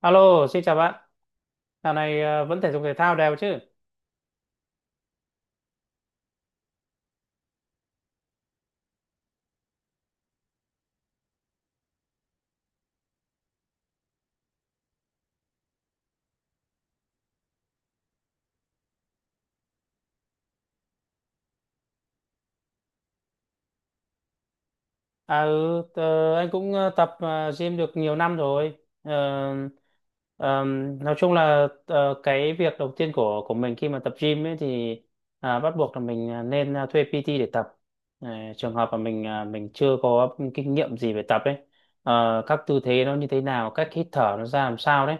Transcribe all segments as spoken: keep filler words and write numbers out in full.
Alo, xin chào bạn. Dạo này ờ, vẫn thể dục thể thao đều chứ? À ừ, tờ- anh cũng ờ, tập ờ, gym được nhiều năm rồi. Ờ, ờm, nói chung là ờ, cái việc đầu tiên của của mình khi mà tập gym ấy thì à, bắt buộc là mình à, nên à, thuê pê tê để tập. Ờ, Trường hợp mà mình à, mình chưa có kinh nghiệm gì về tập ấy, Ờ, các tư thế nó như thế nào, cách hít thở nó ra làm sao đấy.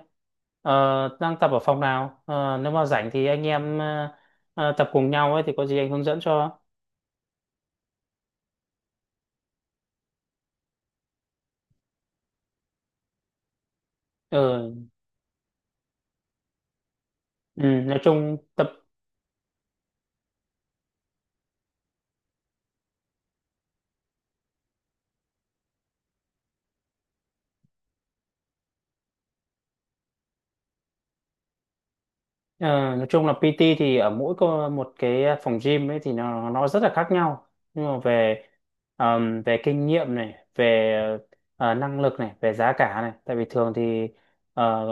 Ờ, Đang tập ở phòng nào? Ờ, Nếu mà rảnh thì anh em ờ, ờ, tập cùng nhau ấy thì có gì anh hướng dẫn cho. Ừ, ừ nói chung tập Ờ, nói chung là pê tê thì ở mỗi cô- một cái phòng gym ấy thì nó nó rất là khác nhau, nhưng mà về ờm, về kinh nghiệm này, về ờ, năng lực này, về giá cả này. Tại vì thường thì ờ,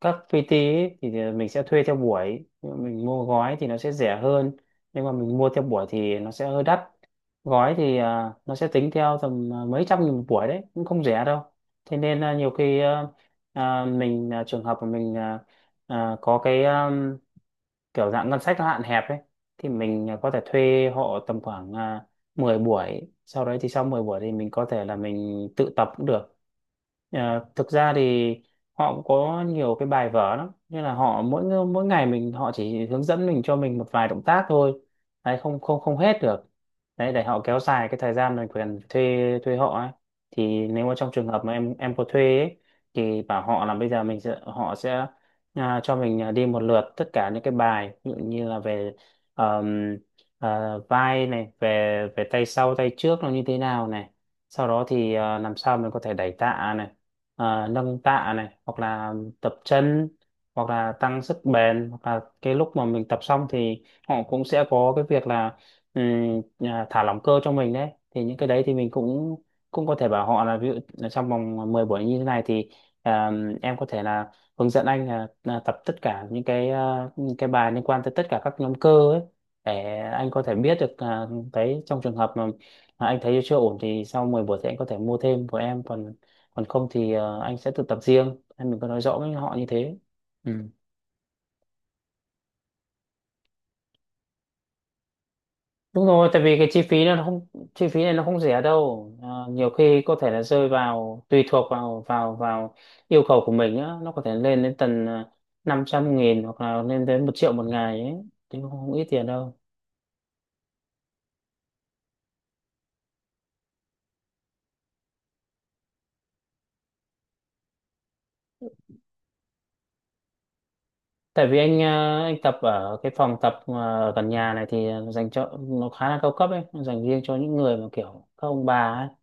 các pê tê ấy thì mình sẽ thuê theo buổi, mình mua gói thì nó sẽ rẻ hơn, nhưng mà mình mua theo buổi thì nó sẽ hơi đắt. Gói thì ờ, nó sẽ tính theo tầm ờ, mấy trăm nghìn một buổi đấy, cũng không rẻ đâu. Thế nên là nhiều khi ờ, ờ, mình ờ, trường hợp mà mình ờ, ờ, có cái kiểu dạng ngân sách nó hạn hẹp ấy, thì mình à, có thể thuê họ tầm khoảng à, mười buổi, sau đấy thì sau mười buổi thì mình có thể là mình tự tập cũng được. Ờ, thực ra thì họ cũng có nhiều cái bài vở lắm, như là họ mỗi ng- mỗi ngày mình, họ chỉ hướng dẫn mình cho mình một vài động tác thôi đấy, không không không hết được đấy, để họ kéo dài cái thời gian mình quyền thuê thuê họ ấy. Thì nếu mà trong trường hợp mà em em có thuê ấy, thì bảo họ là bây giờ mình sẽ họ sẽ à, cho mình à, đi một lượt tất cả những cái bài, ví dụ như là về ờm, ờ, vai này, về về tay sau tay trước nó như thế nào này, sau đó thì à, làm sao mình có thể đẩy tạ này, à, nâng tạ này, hoặc là tập chân, hoặc là tăng sức bền, hoặc là cái lúc mà mình tập xong thì họ cũng sẽ có cái việc là ừm, à, thả lỏng cơ cho mình đấy. Thì những cái đấy thì mình cũng cũng có thể bảo họ là ví dụ là trong vòng mười buổi như thế này thì à, em có thể là hướng dẫn anh là, là tập tất cả những cái à, những cái bài liên quan tới tất cả các nhóm cơ ấy, để anh có thể biết được à, đấy. Trong trường hợp mà, mà anh thấy chưa ổn thì sau mười buổi thì anh có thể mua thêm của em, còn còn không thì à, anh sẽ tự tập riêng. Em mình có nói rõ với họ như thế. Ừ. Đúng rồi, tại vì cái chi phí nó không, chi phí này nó không rẻ đâu. À, nhiều khi có thể là rơi vào, tùy thuộc vào vào vào yêu cầu của mình á, nó có thể lên đến tầm năm trăm nghìn hoặc là lên đến một triệu một ngày ấy, thì không, không ít tiền đâu. Tại vì anh à, anh tập ở cái phòng tập à, gần nhà này thì dành cho nó khá là cao cấp ấy, dành riêng cho những người mà kiểu các ông bà ấy. Các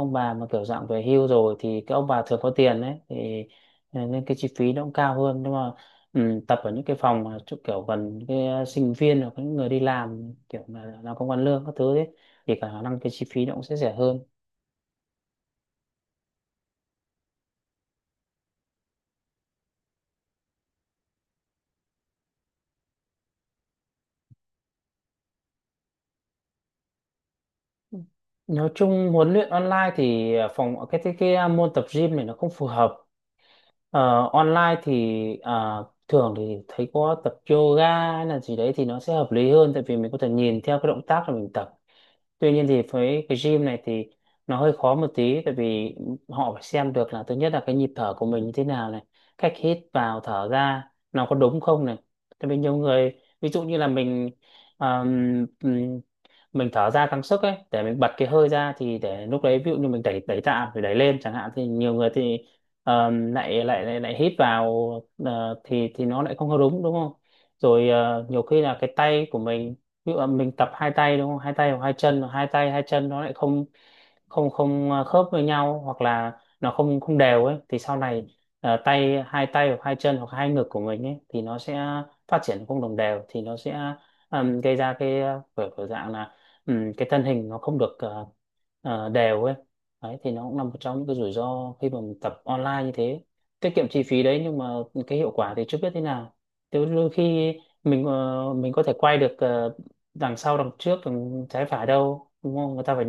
ông bà mà kiểu dạng về hưu rồi thì các ông bà thường có tiền đấy thì ờ, nên cái chi phí nó cũng cao hơn, nhưng mà ừ, tập ở những cái phòng mà chỗ kiểu gần cái ờ, sinh viên hoặc những người đi làm kiểu là làm công ăn lương các thứ đấy thì cả khả năng cái chi phí nó cũng sẽ rẻ hơn. Nói chung huấn luyện online thì ờ, phòng cái cái, cái ờ, môn tập gym này nó không phù hợp. Ờ, online thì ờ, thường thì thấy có tập yoga hay là gì đấy thì nó sẽ hợp lý hơn, tại vì mình có thể nhìn theo cái động tác là mình tập. Tuy nhiên thì với cái gym này thì nó hơi khó một tí, tại vì họ phải xem được là thứ nhất là cái nhịp thở của mình như thế nào này, cách hít vào thở ra nó có đúng không này. Tại vì nhiều người, ví dụ như là mình mình thở ra căng sức ấy để mình bật cái hơi ra thì để lúc đấy, ví dụ như mình đẩy đẩy tạ phải đẩy lên chẳng hạn, thì nhiều người thì ờ, lại, lại lại lại hít vào, ờ, thì thì nó lại không có đúng, đúng không. Rồi ờ, nhiều khi là cái tay của mình, ví dụ là mình tập hai tay đúng không, hai tay hoặc hai chân mà hai tay hai chân nó lại không không không ờ, khớp với nhau, hoặc là nó không không đều ấy, thì sau này ờ, tay hai tay hoặc hai chân hoặc hai ngực của mình ấy thì nó sẽ phát triển không đồng đều. Thì nó sẽ ừm, gây ra cái ờ, kiểu kiểu dạng là ừm, cái thân hình nó không được ờ, ờ, đều ấy. Đấy thì nó cũng là một trong những cái rủi ro khi mà mình tập online như thế, tiết kiệm chi phí đấy nhưng mà cái hiệu quả thì chưa biết thế nào. Thế đôi khi mình ờ, mình có thể quay được ờ, đằng sau, đằng trước, đằng trái phải đâu, đúng không, người ta phải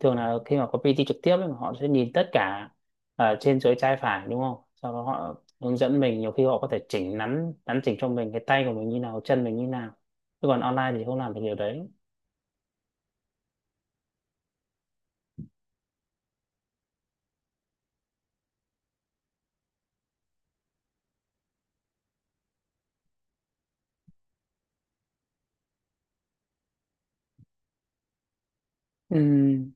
thường là khi mà có pê tê trực tiếp ấy, họ sẽ nhìn tất cả ở trên dưới trái phải, đúng không, sau đó họ hướng dẫn mình, nhiều khi họ có thể chỉnh nắn, nắn chỉnh cho mình cái tay của mình như nào, chân mình như nào. Chứ còn online thì không làm được điều đấy. Ừm,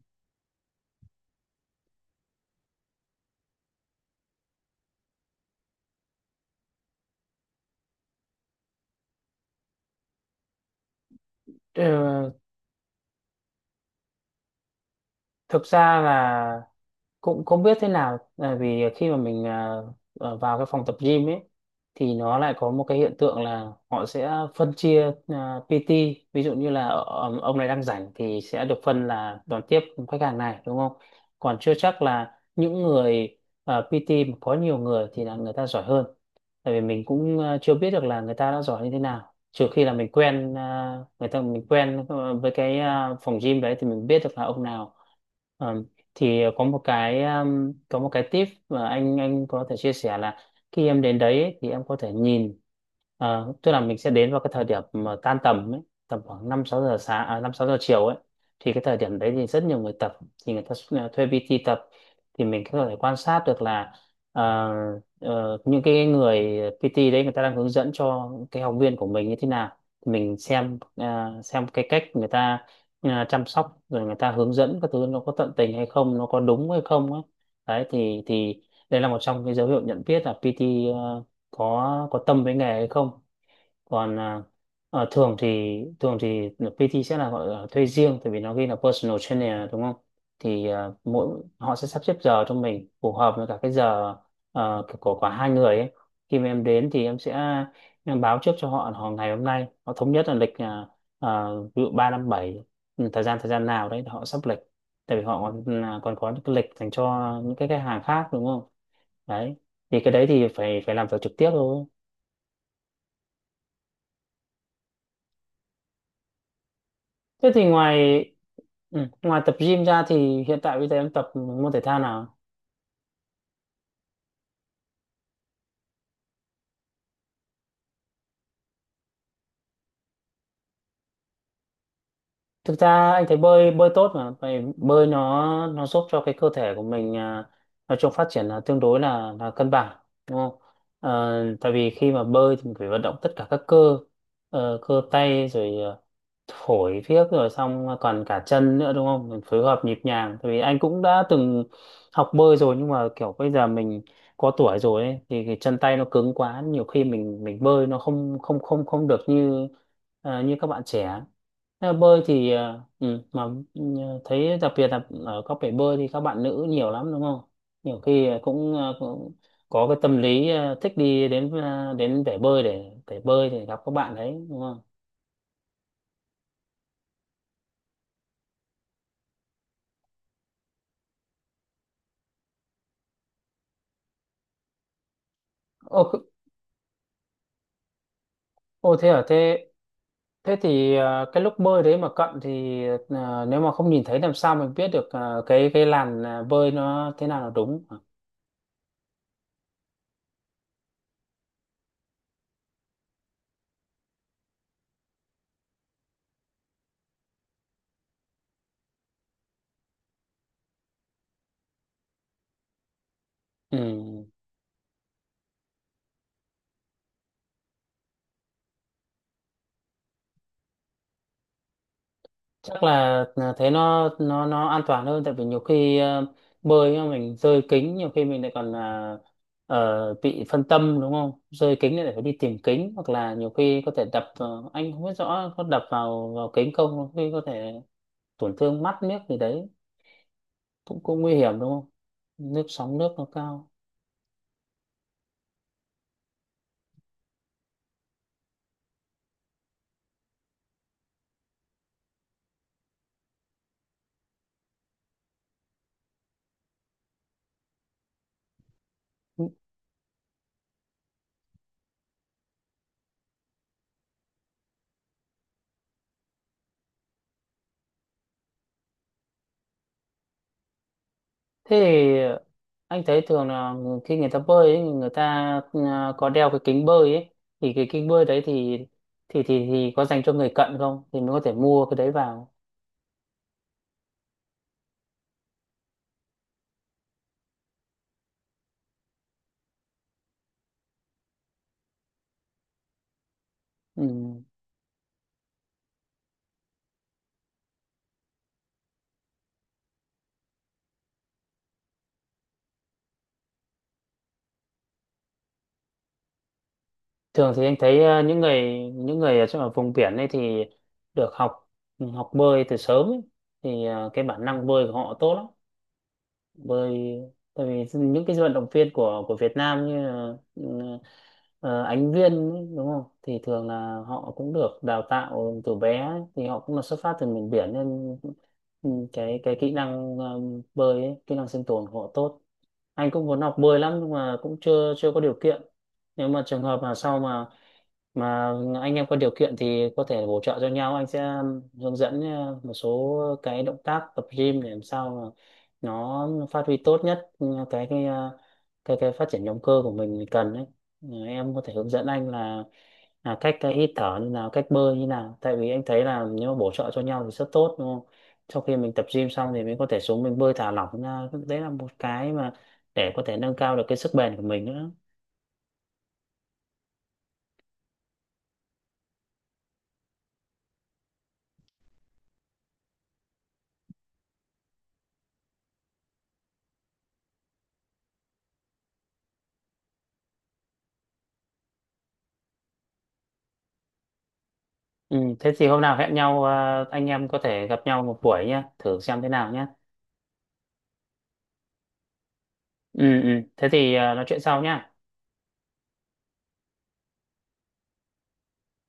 ờ, Thực ra là cũng không biết thế nào, bởi vì khi mà mình à, ở vào cái phòng tập gym ấy thì nó lại có một cái hiện tượng là họ sẽ phân chia à, pê tê, ví dụ như là ờ, ông này đang rảnh thì sẽ được phân là đón tiếp khách hàng này đúng không, còn chưa chắc là những người à, pê tê mà có nhiều người thì là người ta giỏi hơn. Tại vì mình cũng à, chưa biết được là người ta đã giỏi như thế nào, trừ khi là mình quen à, người ta, mình quen ờ, với cái à, phòng gym đấy thì mình biết được là ông nào ờ, thì có một cái um, có một cái tip mà anh anh có thể chia sẻ là khi em đến đấy ấy, thì em có thể nhìn ờ, tức là mình sẽ đến vào cái thời điểm mà tan tầm ấy, tầm khoảng năm sáu giờ sáng à, năm sáu giờ chiều ấy, thì cái thời điểm đấy thì rất nhiều người tập, thì người ta s- à, thuê pi ti tập, thì mình có thể quan sát được là ờ, ờ, những cái người pi ti đấy người ta đang hướng dẫn cho cái học viên của mình như thế nào, thì mình xem ờ, xem cái cách người ta à, chăm sóc, rồi người ta hướng dẫn các thứ nó có tận tình hay không, nó có đúng hay không ấy. Đấy thì thì đây là một trong cái dấu hiệu nhận biết là pê tê ờ, có có tâm với nghề hay không. Còn à, ờ, thường thì thường thì pê tê sẽ là gọi là thuê riêng, tại vì nó ghi là personal trainer đúng không. Thì à, mỗi họ sẽ sắp xếp giờ cho mình phù hợp với cả cái giờ ờ, của cả hai người ấy. Khi mà em đến thì em sẽ em báo trước cho họ, là họ ngày hôm nay họ thống nhất là lịch à, à, ví dụ ba năm bảy, ừ, thời gian thời gian nào đấy họ sắp lịch, tại vì họ còn, à, còn có những cái lịch dành cho những cái khách hàng khác đúng không. Đấy thì cái đấy thì phải phải làm việc trực tiếp thôi. Thế thì ngoài Ừ, ngoài tập gym ra thì hiện tại bây giờ em tập môn thể thao nào? Thực ra anh thấy bơi bơi tốt mà. Tại bơi nó nó giúp cho cái cơ thể của mình, à, nói chung phát triển là tương đối là là cân bằng, đúng không? Ờ, tại vì khi mà bơi thì mình phải vận động tất cả các cơ, ờ, cơ tay rồi, ờ, phổi phiếc rồi, xong còn cả chân nữa, đúng không? Mình phối hợp nhịp nhàng, tại vì anh cũng đã từng học bơi rồi, nhưng mà kiểu bây giờ mình có tuổi rồi ấy, thì cái chân tay nó cứng quá, nhiều khi mình mình bơi nó không không không không được như ờ, như các bạn trẻ theo bơi thì ờ, ừ, mà ừ, thấy đặc biệt là ở các bể bơi thì các bạn nữ nhiều lắm, đúng không? Nhiều khi cũng, ờ, cũng có cái tâm lý ờ, thích đi đến, ờ, đến bể bơi để để bơi thì gặp các bạn đấy, đúng không? Ô, c- ô thế à? Thế thế thì ờ, cái lúc bơi đấy mà cận thì, ờ, nếu mà không nhìn thấy làm sao mình biết được ờ, cái cái làn ờ, bơi nó thế nào là đúng? Hả? Ừ. Chắc là là thế nó nó nó an toàn hơn, tại vì nhiều khi ờ, bơi mà mình rơi kính, nhiều khi mình lại còn là ờ, bị phân tâm, đúng không? Rơi kính lại phải đi tìm kính, hoặc là nhiều khi có thể đập, ờ, anh không biết rõ có đập vào vào kính không, nhiều khi có thể tổn thương mắt, nước gì đấy cũng cũng nguy hiểm, đúng không? Nước sóng, nước nó cao. Thế thì anh thấy thường là người- khi người ta bơi ấy, người ta, à, có đeo cái kính bơi ấy, thì cái kính bơi đấy thì thì thì thì có dành cho người cận không thì mới có thể mua cái đấy vào. Ừ. Thường thì anh thấy à, những người, những người ở trong ở vùng biển ấy thì được học, học bơi từ sớm ấy. Thì à, cái bản năng bơi của họ tốt lắm. Bởi tại vì những cái vận động viên của của Việt Nam như là, ừ, ờ, Ánh Viên ấy, đúng không? Thì thường là họ cũng được đào tạo từ bé ấy, thì họ cũng là xuất phát từ miền biển nên ừ, cái cái kỹ năng ờ, bơi ấy, kỹ năng sinh tồn của họ tốt. Anh cũng muốn học bơi lắm, nhưng mà cũng chưa chưa có điều kiện. Nếu mà trường hợp mà sau mà mà anh em có điều kiện thì có thể bổ trợ cho nhau, anh sẽ ừ, hướng dẫn ờ, một số cái động tác tập gym để làm sao nó phát huy tốt nhất ừ, cái cái à, cái cái phát triển động cơ của mình mình cần đấy. Ừ, em có thể hướng dẫn anh là là cách cái hít thở như nào, cách bơi như nào, tại vì anh thấy là nếu mà bổ trợ cho nhau thì rất tốt, đúng không? Sau khi mình tập gym xong thì mình có thể xuống mình bơi thả lỏng ra, đấy là một cái mà để có thể nâng cao được cái sức bền của mình nữa. Ừ, thế thì hôm nào hẹn nhau, à, anh em có thể gặp nhau một buổi nhá, thử xem thế nào nhá. Ừ, ừ. Thế thì à, nói chuyện sau nhá.